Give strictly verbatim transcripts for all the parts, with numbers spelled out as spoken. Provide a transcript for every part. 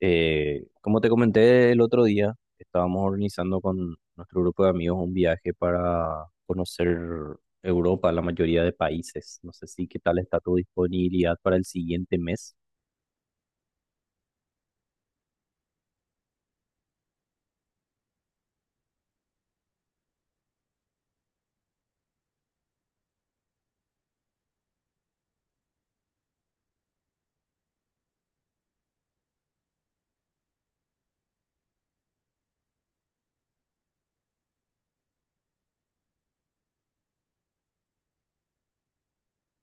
Eh, como te comenté el otro día, estábamos organizando con nuestro grupo de amigos un viaje para conocer Europa, la mayoría de países. No sé si qué tal está tu disponibilidad para el siguiente mes.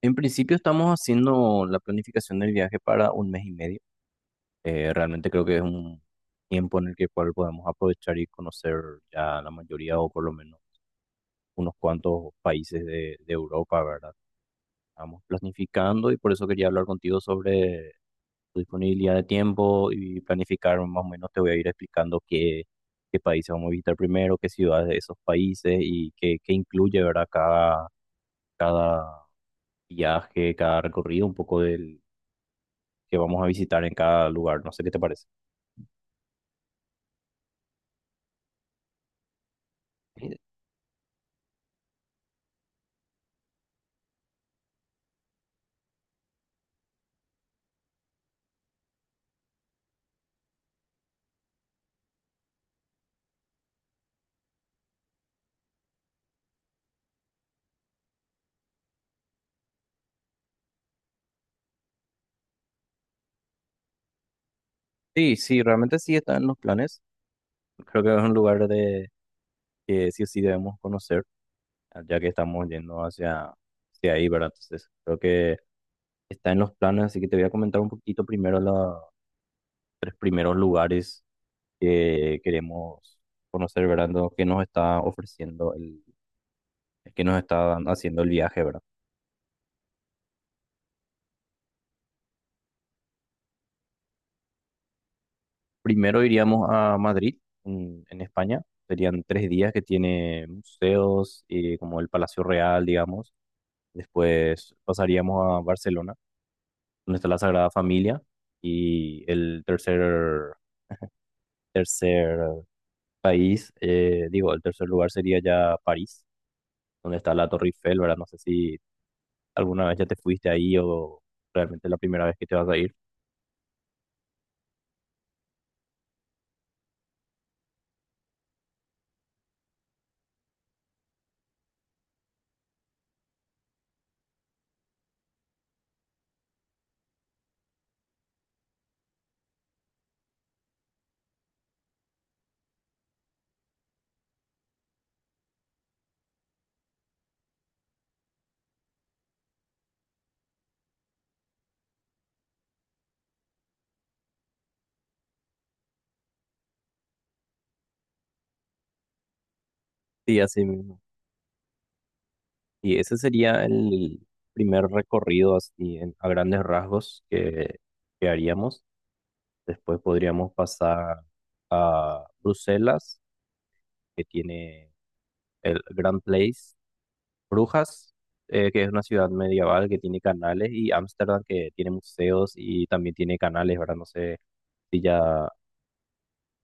En principio estamos haciendo la planificación del viaje para un mes y medio. Eh, realmente creo que es un tiempo en el que cual podemos aprovechar y conocer ya la mayoría o por lo menos unos cuantos países de, de Europa, ¿verdad? Estamos planificando y por eso quería hablar contigo sobre tu disponibilidad de tiempo y planificar más o menos te voy a ir explicando qué, qué países vamos a visitar primero, qué ciudades de esos países y qué, qué incluye, ¿verdad? Cada, cada viaje, cada recorrido, un poco del que vamos a visitar en cada lugar. No sé qué te parece. Sí, sí, realmente sí está en los planes. Creo que es un lugar de que sí o sí debemos conocer, ya que estamos yendo hacia, hacia ahí, ¿verdad? Entonces, creo que está en los planes, así que te voy a comentar un poquito primero los tres primeros lugares que queremos conocer, ¿verdad? Lo que nos está ofreciendo el, que nos está dan- haciendo el viaje, ¿verdad? Primero iríamos a Madrid, en, en España. Serían tres días que tiene museos, eh, como el Palacio Real, digamos. Después pasaríamos a Barcelona, donde está la Sagrada Familia. Y el tercer, tercer país, eh, digo, el tercer lugar sería ya París, donde está la Torre Eiffel, ¿verdad? No sé si ¿Alguna vez ya te fuiste ahí o realmente es la primera vez que te vas a ir? Sí, así mismo. Y ese sería el primer recorrido así en- a grandes rasgos que, que haríamos. Después podríamos pasar a Bruselas, que tiene el Grand Place, Brujas, eh, que es una ciudad medieval que tiene canales, y Ámsterdam, que tiene museos y también tiene canales, ¿verdad? No sé si ya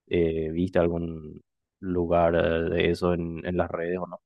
eh, viste algún lugar eh, de eso en en las redes o no.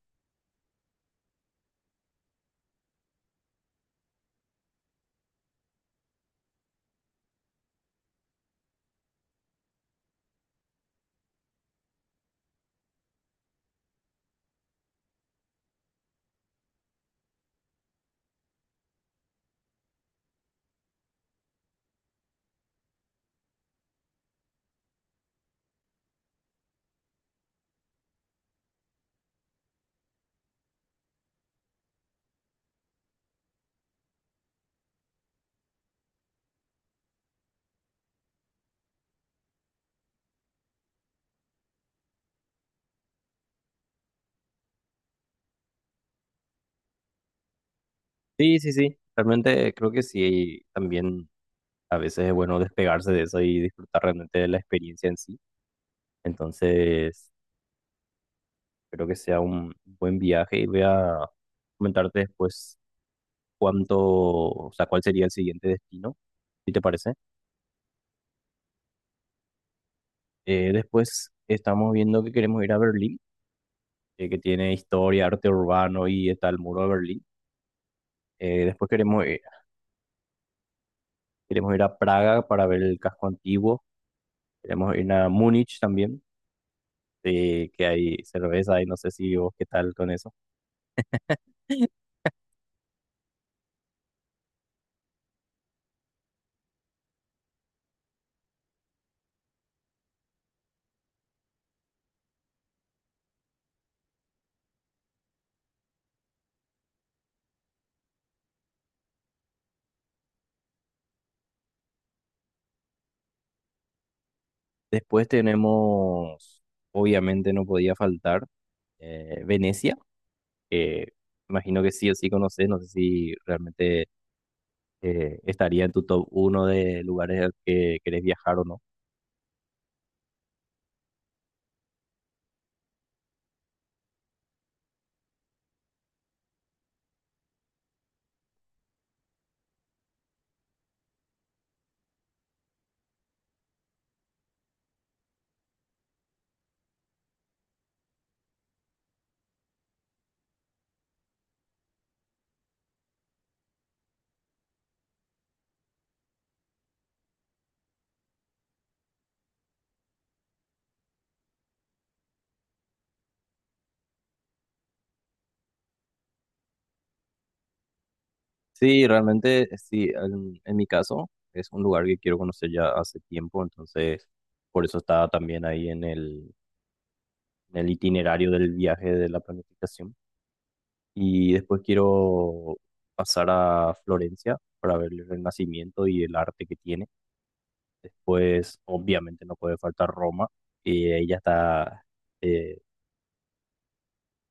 Sí, sí, sí. Realmente creo que sí, también a veces es bueno despegarse de eso y disfrutar realmente de la experiencia en sí. Entonces, espero que sea un buen viaje y voy a comentarte después cuánto, o sea, cuál sería el siguiente destino, si te parece. Eh, después estamos viendo que queremos ir a Berlín, eh, que tiene historia, arte urbano y está el muro de Berlín. Eh, después queremos, ir- queremos ir a Praga para ver el casco antiguo. Queremos ir a Múnich también. Sí, que hay cerveza y no sé si vos qué tal con eso. Después tenemos, obviamente no podía faltar, eh, Venecia, que imagino que sí o sí conoces, no sé si realmente eh, estaría en tu top uno de lugares al que querés viajar o no. Sí, realmente eh, sí, en, en mi caso es un lugar que quiero conocer ya hace tiempo, entonces por eso estaba también ahí en el, en el itinerario del viaje de la planificación. Y después quiero pasar a Florencia para ver el Renacimiento y el arte que tiene. Después, obviamente, no puede faltar Roma, y ahí ya está eh,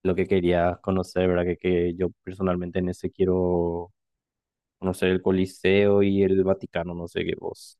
lo que quería conocer, ¿verdad? Que, que yo personalmente en ese quiero conocer el Coliseo y el Vaticano, no sé qué vos.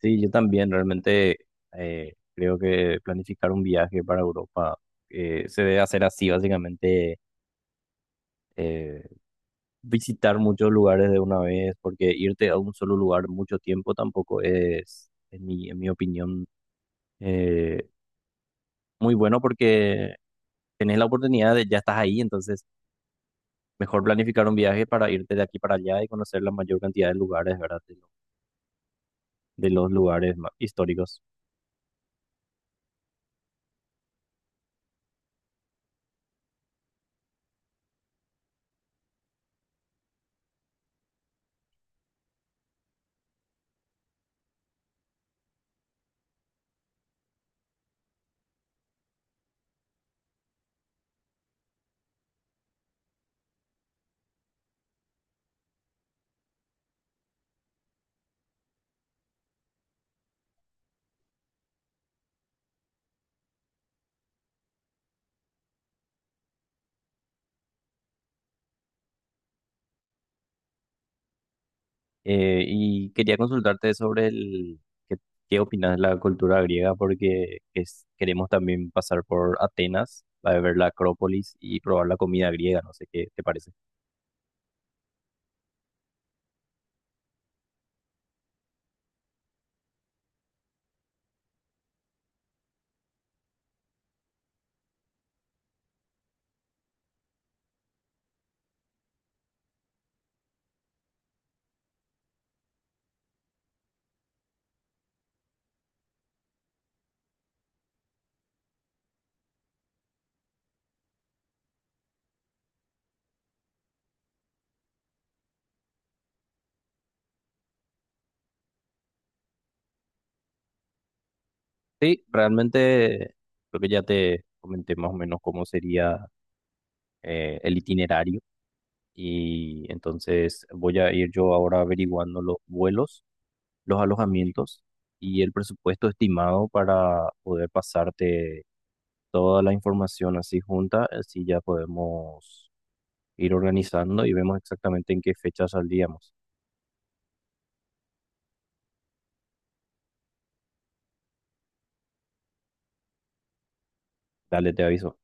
Sí, yo también realmente eh, creo que planificar un viaje para Europa eh, se debe hacer así, básicamente eh, visitar muchos lugares de una vez, porque irte a un solo lugar mucho tiempo tampoco es, en mi, en mi opinión, eh, muy bueno porque tenés la oportunidad de ya estás ahí, entonces mejor planificar un viaje para irte de aquí para allá y conocer la mayor cantidad de lugares, ¿verdad? De, lo- de los lugares ma- históricos. Eh, y quería consultarte sobre el... qué qué opinas de la cultura griega, porque es- queremos también pasar por Atenas, para ver la Acrópolis y probar la comida griega, no sé qué te parece. Sí, realmente creo que ya te comenté más o menos cómo sería eh, el itinerario y entonces voy a ir yo ahora averiguando los vuelos, los alojamientos y el presupuesto estimado para poder pasarte toda la información así junta, así ya podemos ir organizando y vemos exactamente en qué fecha saldríamos. Dale, te aviso.